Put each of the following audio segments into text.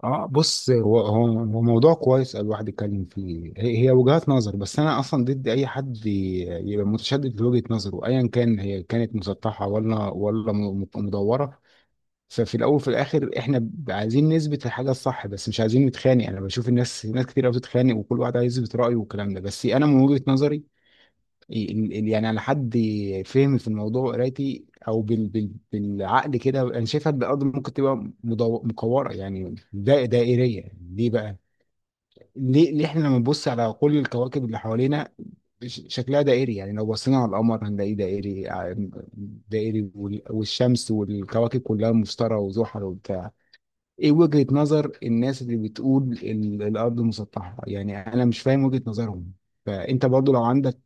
اه بص، هو موضوع كويس الواحد يتكلم فيه، هي وجهات نظر. بس انا اصلا ضد اي حد يبقى متشدد لوجهة نظره ايا كان هي كانت مسطحة ولا مدورة. ففي الاول وفي الاخر احنا عايزين نثبت الحاجة الصح بس مش عايزين نتخانق. انا بشوف ناس كتير قوي بتتخانق وكل واحد عايز يثبت رأيه والكلام ده، بس انا من وجهة نظري يعني على حد فهمي في الموضوع وقرايتي او بالعقل كده، انا شايفها بجد ممكن تبقى مكوره، يعني دا دائريه. ليه بقى؟ ليه احنا لما نبص على كل الكواكب اللي حوالينا شكلها دائري، يعني لو بصينا على القمر هنلاقيه دائري، دائري، والشمس والكواكب كلها، مشتري وزحل وبتاع. ايه وجهة نظر الناس اللي بتقول الارض مسطحة؟ يعني انا مش فاهم وجهة نظرهم. فانت برضو لو عندك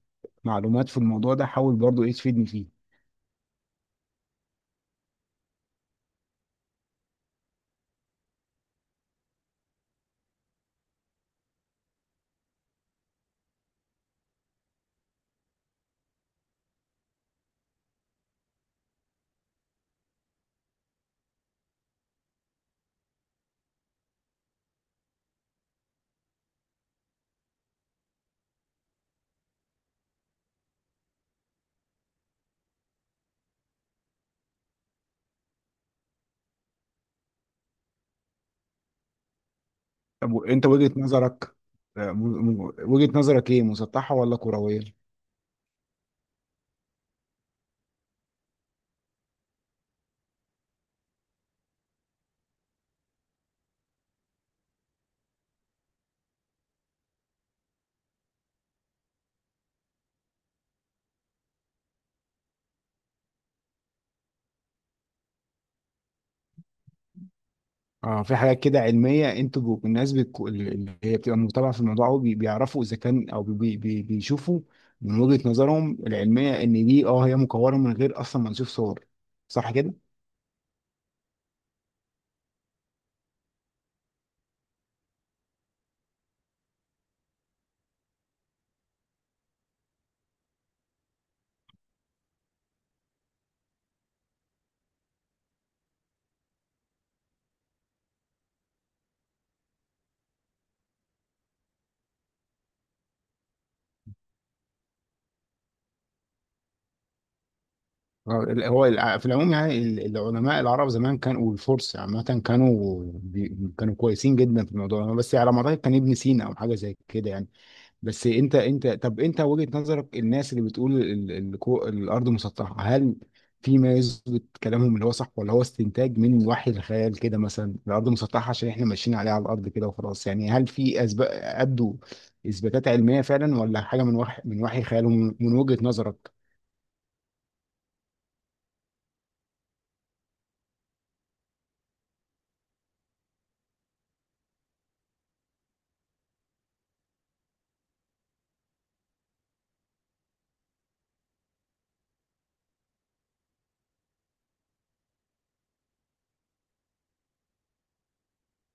معلومات في الموضوع ده حاول برضو ايه تفيدني فيه. طب انت وجهة نظرك، وجهة نظرك ايه، مسطحة ولا كروية؟ اه في حاجات كده علمية، الناس اللي هي بتبقى متابعة في الموضوع أوي بيعرفوا اذا كان او بي بي بيشوفوا من وجهة نظرهم العلمية ان دي هي مكورة من غير اصلا ما نشوف صور، صح كده؟ هو في العموم يعني العلماء العرب زمان كانوا، والفرس عامة، كانوا كويسين جدا في الموضوع ده، بس على ما اعتقد كان ابن سينا او حاجة زي كده يعني. بس انت انت طب انت وجهة نظرك، الناس اللي بتقول الارض مسطحة، هل في ما يثبت كلامهم اللي هو صح، ولا هو استنتاج من وحي الخيال كده، مثلا الارض مسطحة عشان احنا ماشيين عليها على الارض كده وخلاص؟ يعني هل في اسباب ادوا اثباتات علمية فعلا ولا حاجة من وحي خيالهم من وجهة نظرك؟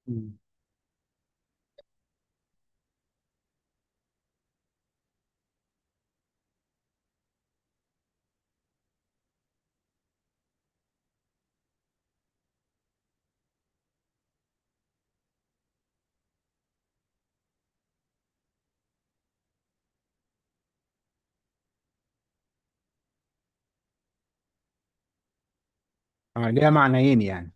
مم. ليها معنيين يعني.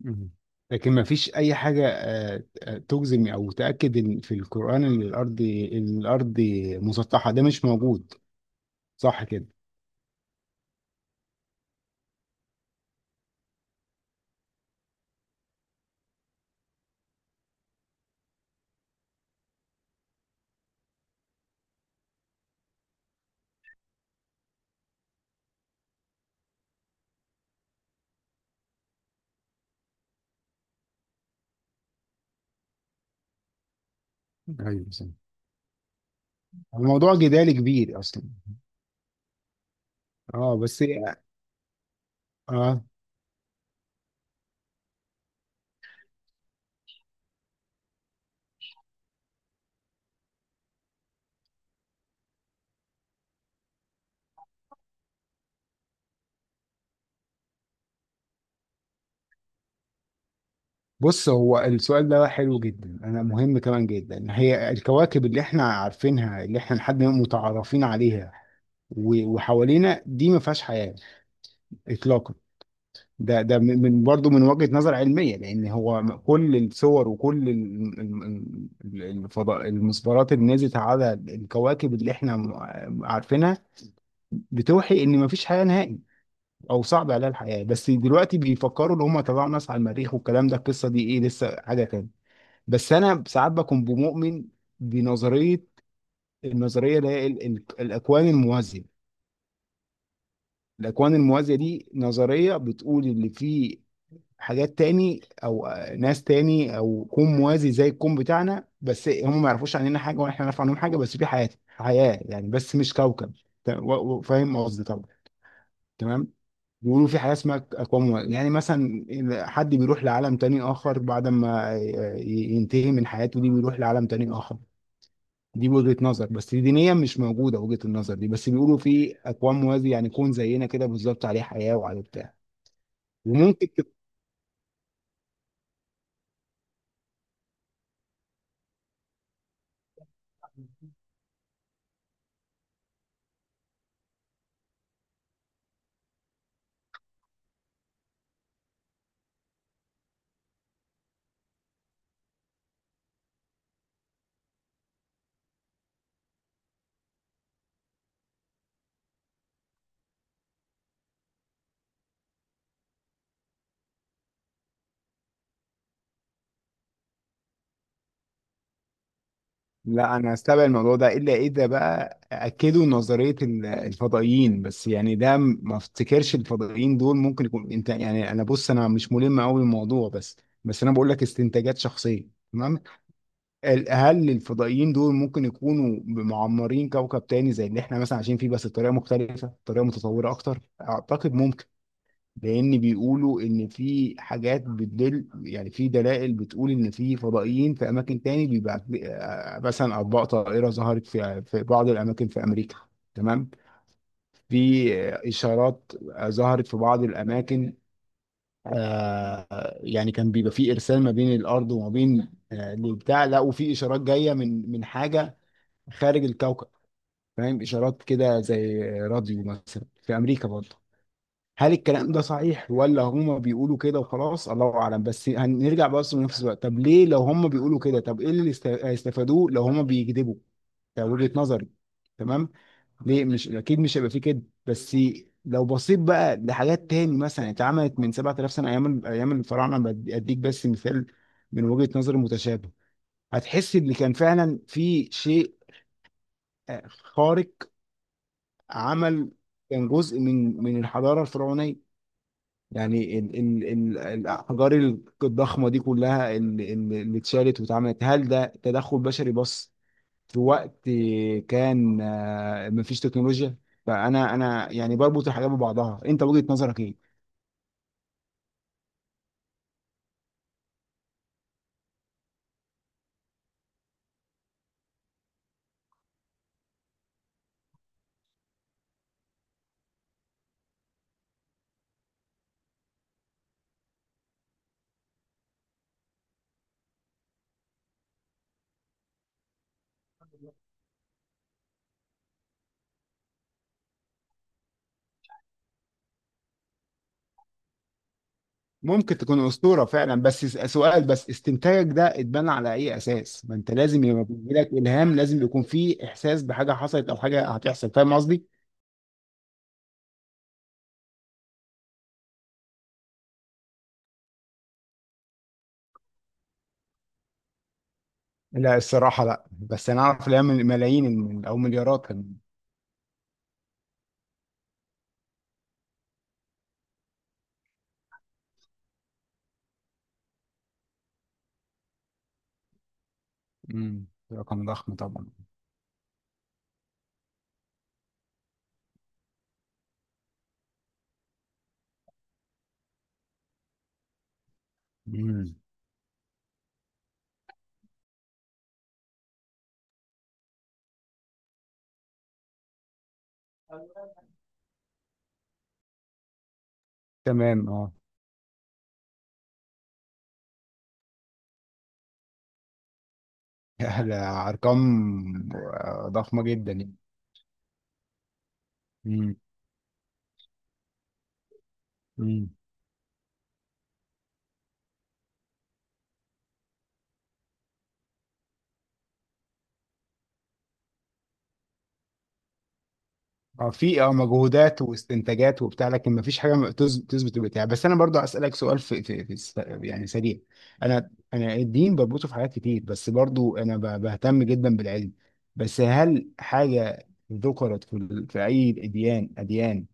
مم. لكن ما فيش اي حاجه تجزم او تاكد ان في القران ان الارض إن الارض مسطحه، ده مش موجود، صح كده؟ ايوه صح. الموضوع جدال كبير اصلا. اه بس. اه بص، هو السؤال ده حلو جدا انا، مهم كمان جدا. هي الكواكب اللي احنا عارفينها، اللي احنا لحد ما متعرفين عليها وحوالينا دي، ما فيهاش حياه اطلاقا. ده برضه من وجهة نظر علمية، لأن هو كل الصور وكل الفضاء، المسبارات اللي نزلت على الكواكب اللي احنا عارفينها، بتوحي إن مفيش حياة نهائي أو صعب عليها الحياة. بس دلوقتي بيفكروا إن هم طلعوا ناس على المريخ والكلام ده، القصة دي إيه، لسه حاجة تاني. بس أنا ساعات بكون بمؤمن بنظرية، النظرية اللي هي الأكوان الموازية. الأكوان الموازية دي نظرية بتقول اللي فيه حاجات تاني او ناس تاني او كون موازي زي الكون بتاعنا، بس هم ما يعرفوش عننا حاجه ولا احنا نعرف عنهم حاجه، بس في حياه يعني، بس مش كوكب. ت- و- فاهم قصدي طبعا؟ تمام. بيقولوا في حياه اسمها اكوان يعني مثلا إذا حد بيروح لعالم تاني اخر بعد ما ينتهي من حياته دي بيروح لعالم تاني اخر. دي وجهه نظر بس دينيا مش موجوده وجهه النظر دي، بس بيقولوا في اكوان موازي، يعني كون زينا كده بالظبط، عليه حياه وعليه بتاع. وممكن. لا، انا استبعد الموضوع ده الا اذا بقى اكدوا نظريه الفضائيين. بس يعني ده ما افتكرش الفضائيين دول ممكن يكون انت يعني، انا بص انا مش ملم قوي بالموضوع، بس انا بقول لك استنتاجات شخصيه. تمام. هل الفضائيين دول ممكن يكونوا معمرين كوكب تاني زي اللي احنا مثلا عايشين فيه بس بطريقه مختلفه، بطريقه متطوره اكتر؟ اعتقد ممكن. لان بيقولوا ان في حاجات بتدل، يعني في دلائل بتقول ان في فضائيين في اماكن تاني، بيبقى مثلا اطباق طائره ظهرت في بعض الاماكن في امريكا. تمام. في اشارات ظهرت في بعض الاماكن. يعني كان بيبقى في ارسال ما بين الارض وما بين البتاع، لقوا في اشارات جايه من حاجه خارج الكوكب، فاهم، اشارات كده زي راديو مثلا في امريكا برضه. هل الكلام ده صحيح ولا هما بيقولوا كده وخلاص؟ الله اعلم. بس هنرجع بس لنفس الوقت، طب ليه لو هما بيقولوا كده، طب ايه اللي هيستفادوه لو هما بيكذبوا؟ ده وجهة نظري. تمام. ليه مش اكيد مش هيبقى فيه كده؟ بس لو بصيت بقى لحاجات تاني مثلا اتعملت من 7000 سنه، ايام الفراعنه، اديك بس مثال من وجهه نظر متشابه، هتحس ان كان فعلا في شيء خارق عمل، كان جزء من الحضاره الفرعونيه، يعني ال ال ال الأحجار الضخمة دي كلها اللي اتشالت واتعملت، هل ده تدخل بشري بس في وقت كان مفيش تكنولوجيا؟ فأنا، أنا يعني بربط الحاجات ببعضها، أنت وجهة نظرك إيه؟ ممكن تكون أسطورة فعلا بس سؤال، بس استنتاجك ده اتبنى على أي أساس؟ ما أنت لازم لما بيجي لك إلهام لازم يكون فيه إحساس بحاجة حصلت أو حاجة هتحصل، فاهم قصدي؟ لا الصراحة لا، بس أنا أعرف الإلهام ملايين أو مليارات كمان. امم. رقم ضخم طبعا. مم. تمام. اه. لا، ارقام ضخمه جدا يعني. مم. مم. اه في مجهودات واستنتاجات وبتاع، لكن ما فيش حاجه تثبت البتاع. بس انا برضو اسالك سؤال يعني سريع. انا الدين بربطه في حاجات كتير، بس برضو انا بهتم جدا بالعلم. بس هل حاجه ذكرت في اي اديان،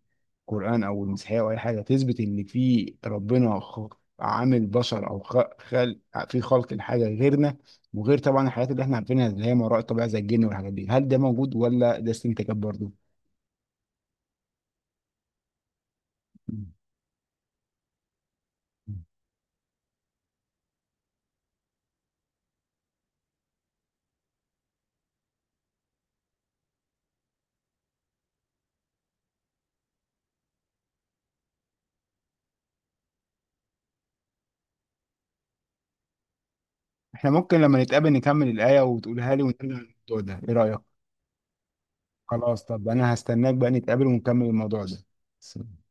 قرآن أو المسيحية أو أي حاجة، تثبت إن في ربنا عامل بشر أو خلق في خلق الحاجة غيرنا، وغير طبعا الحاجات اللي إحنا عارفينها اللي هي ما وراء الطبيعة زي الجن والحاجات دي، هل ده موجود ولا ده استنتاجات برضه؟ إحنا ممكن لما نتقابل نكمل الآية وتقولها لي ونرجع للموضوع ده، إيه رأيك؟ خلاص. طب أنا هستناك بقى نتقابل ونكمل الموضوع ده. سلام.